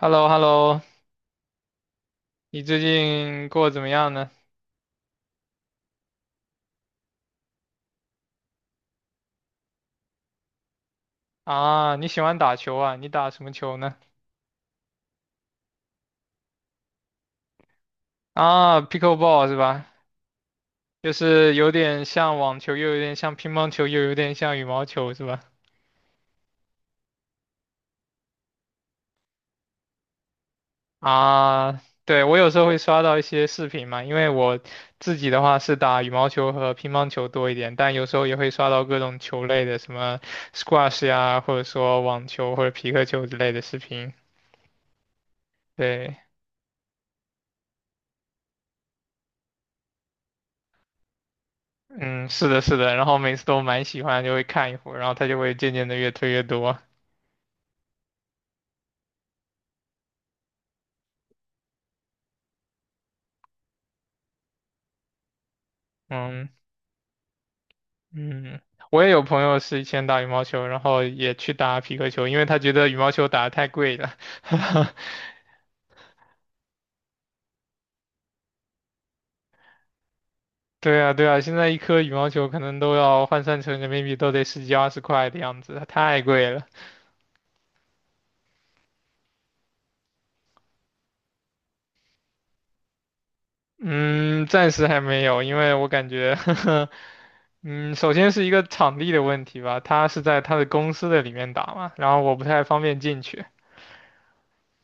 h e l l o h e l l o 你最近过得怎么样呢？啊，你喜欢打球啊？你打什么球呢？啊，pickleball 是吧？就是有点像网球，又有点像乒乓球，又有点像羽毛球是吧？啊，对，我有时候会刷到一些视频嘛，因为我自己的话是打羽毛球和乒乓球多一点，但有时候也会刷到各种球类的，什么 squash 呀，或者说网球或者皮克球之类的视频。对。嗯，是的，是的，然后每次都蛮喜欢，就会看一会儿，然后他就会渐渐的越推越多。嗯嗯，我也有朋友是以前打羽毛球，然后也去打匹克球，因为他觉得羽毛球打的太贵了。对啊，对啊，现在一颗羽毛球可能都要换算成人民币都得十几二十块的样子，太贵了。嗯，暂时还没有，因为我感觉，嗯，首先是一个场地的问题吧，他是在他的公司的里面打嘛，然后我不太方便进去。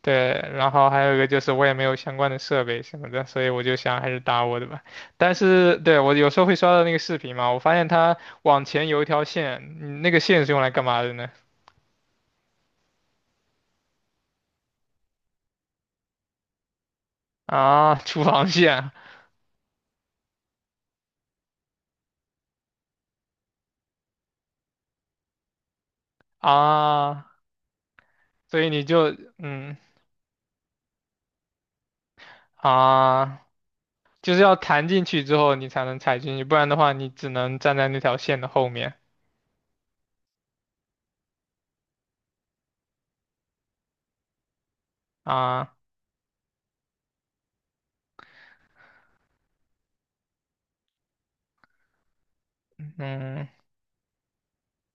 对，然后还有一个就是我也没有相关的设备什么的，所以我就想还是打我的吧。但是对我有时候会刷到那个视频嘛，我发现它往前有一条线，嗯那个线是用来干嘛的呢？啊，厨房线啊，所以你就嗯啊，就是要弹进去之后你才能踩进去，不然的话你只能站在那条线的后面啊。嗯，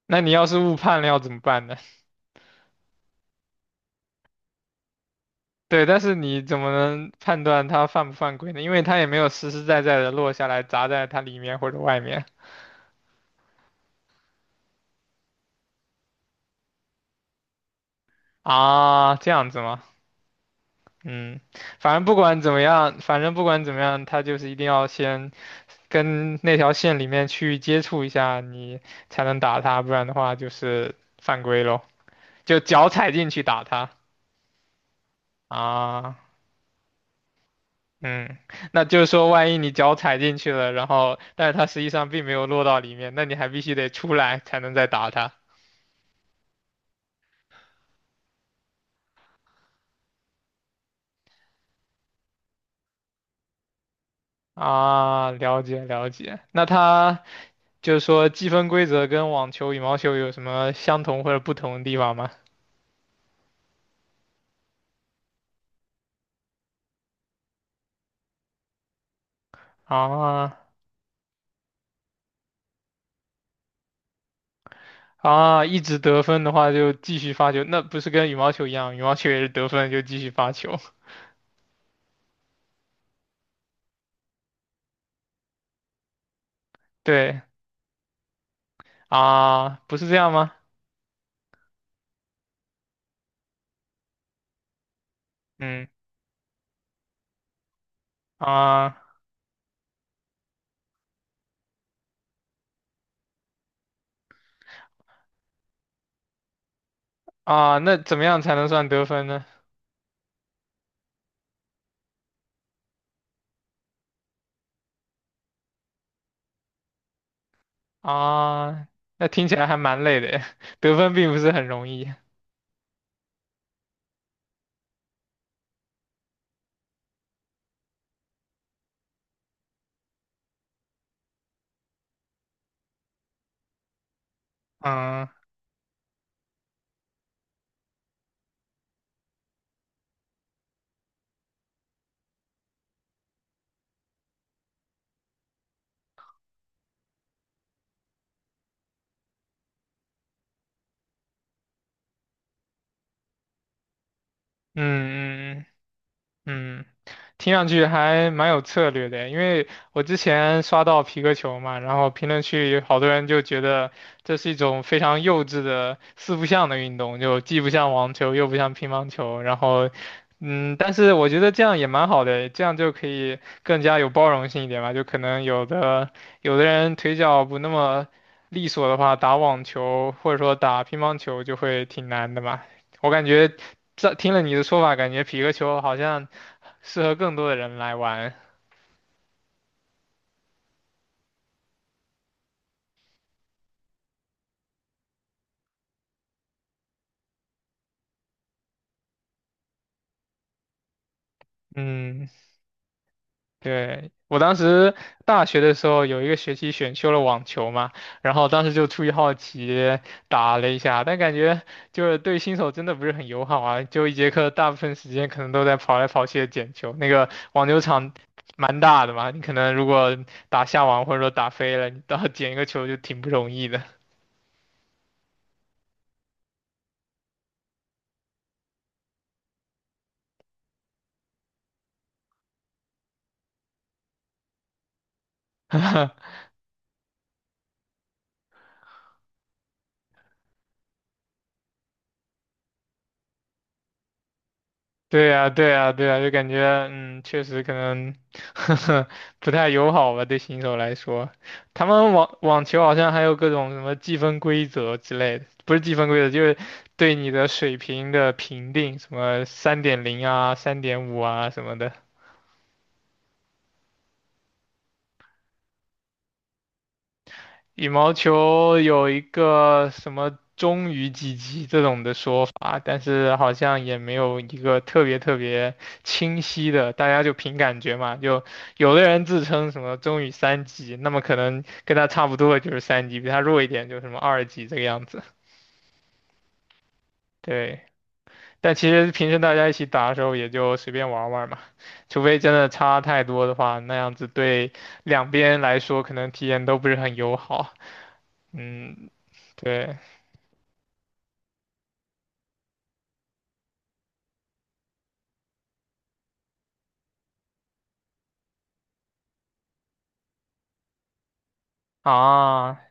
那你要是误判了要怎么办呢？对，但是你怎么能判断它犯不犯规呢？因为它也没有实实在在的落下来砸在它里面或者外面啊，这样子吗？嗯，反正不管怎么样，它就是一定要先跟那条线里面去接触一下，你才能打它，不然的话就是犯规咯，就脚踩进去打它啊。嗯，那就是说，万一你脚踩进去了，然后但是它实际上并没有落到里面，那你还必须得出来才能再打它。啊，了解了解。那它就是说积分规则跟网球、羽毛球有什么相同或者不同的地方吗？啊啊，一直得分的话就继续发球，那不是跟羽毛球一样，羽毛球也是得分就继续发球。对啊，不是这样吗？嗯啊啊，那怎么样才能算得分呢？啊，那听起来还蛮累的耶，得分并不是很容易。嗯嗯嗯。嗯嗯，听上去还蛮有策略的，因为我之前刷到皮克球嘛，然后评论区好多人就觉得这是一种非常幼稚的四不像的运动，就既不像网球，又不像乒乓球，然后，嗯，但是我觉得这样也蛮好的，这样就可以更加有包容性一点吧，就可能有的人腿脚不那么利索的话，打网球或者说打乒乓球就会挺难的嘛，我感觉。这听了你的说法，感觉皮克球好像。适合更多的人来玩。嗯，对，我当时大学的时候有一个学期选修了网球嘛，然后当时就出于好奇打了一下，但感觉就是对新手真的不是很友好啊，就一节课大部分时间可能都在跑来跑去的捡球，那个网球场蛮大的嘛，你可能如果打下网或者说打飞了，你到捡一个球就挺不容易的。对呀，对呀，对呀，就感觉嗯，确实可能 不太友好吧，对新手来说。他们网球好像还有各种什么计分规则之类的，不是计分规则，就是对你的水平的评定，什么3.0啊、3.5啊什么的。羽毛球有一个什么“中于几级”这种的说法，但是好像也没有一个特别特别清晰的，大家就凭感觉嘛。就有的人自称什么“中于三级”，那么可能跟他差不多的就是三级，比他弱一点就是什么2级这个样子。对，但其实平时大家一起打的时候也就随便玩玩嘛，除非真的差太多的话，那样子对两边来说可能体验都不是很友好。嗯，对。啊，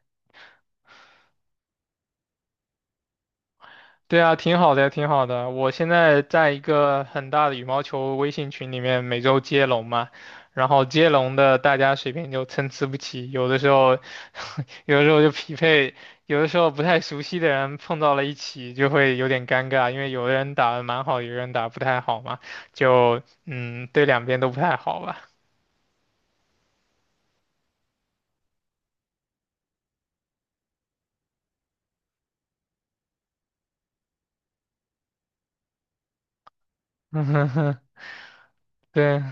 对啊，挺好的，挺好的。我现在在一个很大的羽毛球微信群里面，每周接龙嘛，然后接龙的大家水平就参差不齐，有的时候，有的时候就匹配，有的时候不太熟悉的人碰到了一起，就会有点尴尬，因为有的人打的蛮好，有的人打得不太好嘛，就嗯，对两边都不太好吧。对，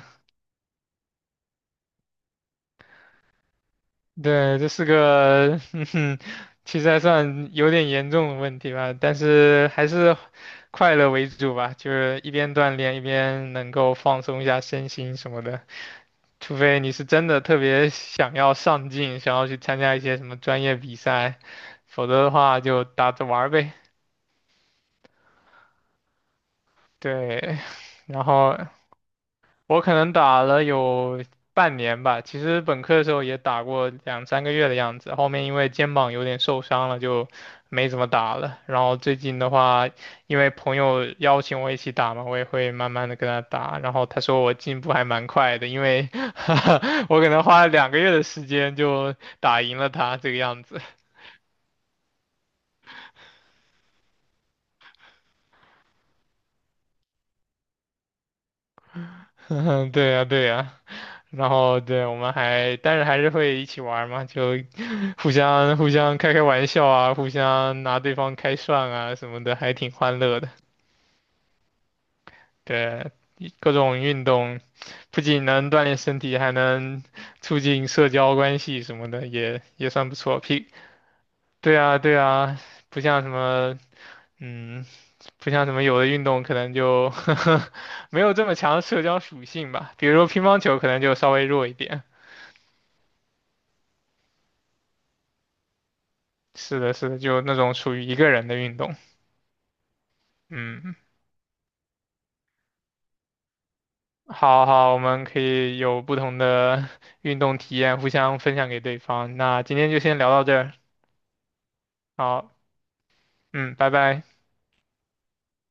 对，这是个，嗯哼，其实还算有点严重的问题吧，但是还是快乐为主吧，就是一边锻炼一边能够放松一下身心什么的。除非你是真的特别想要上进，想要去参加一些什么专业比赛，否则的话就打着玩儿呗。对，然后我可能打了有半年吧，其实本科的时候也打过两三个月的样子，后面因为肩膀有点受伤了，就没怎么打了。然后最近的话，因为朋友邀请我一起打嘛，我也会慢慢的跟他打。然后他说我进步还蛮快的，因为 我可能花了2个月的时间就打赢了他这个样子。对呀，对呀。然后对，我们还，但是还是会一起玩嘛，就互相开开玩笑啊，互相拿对方开涮啊什么的，还挺欢乐的。对，各种运动不仅能锻炼身体，还能促进社交关系什么的，也算不错。对啊对啊，不像什么，嗯，不像什么有的运动可能就 没有这么强的社交属性吧。比如说乒乓球可能就稍微弱一点。是的，是的，就那种属于一个人的运动。嗯好好，我们可以有不同的 运动体验，互相分享给对方。那今天就先聊到这儿，好，嗯，拜拜。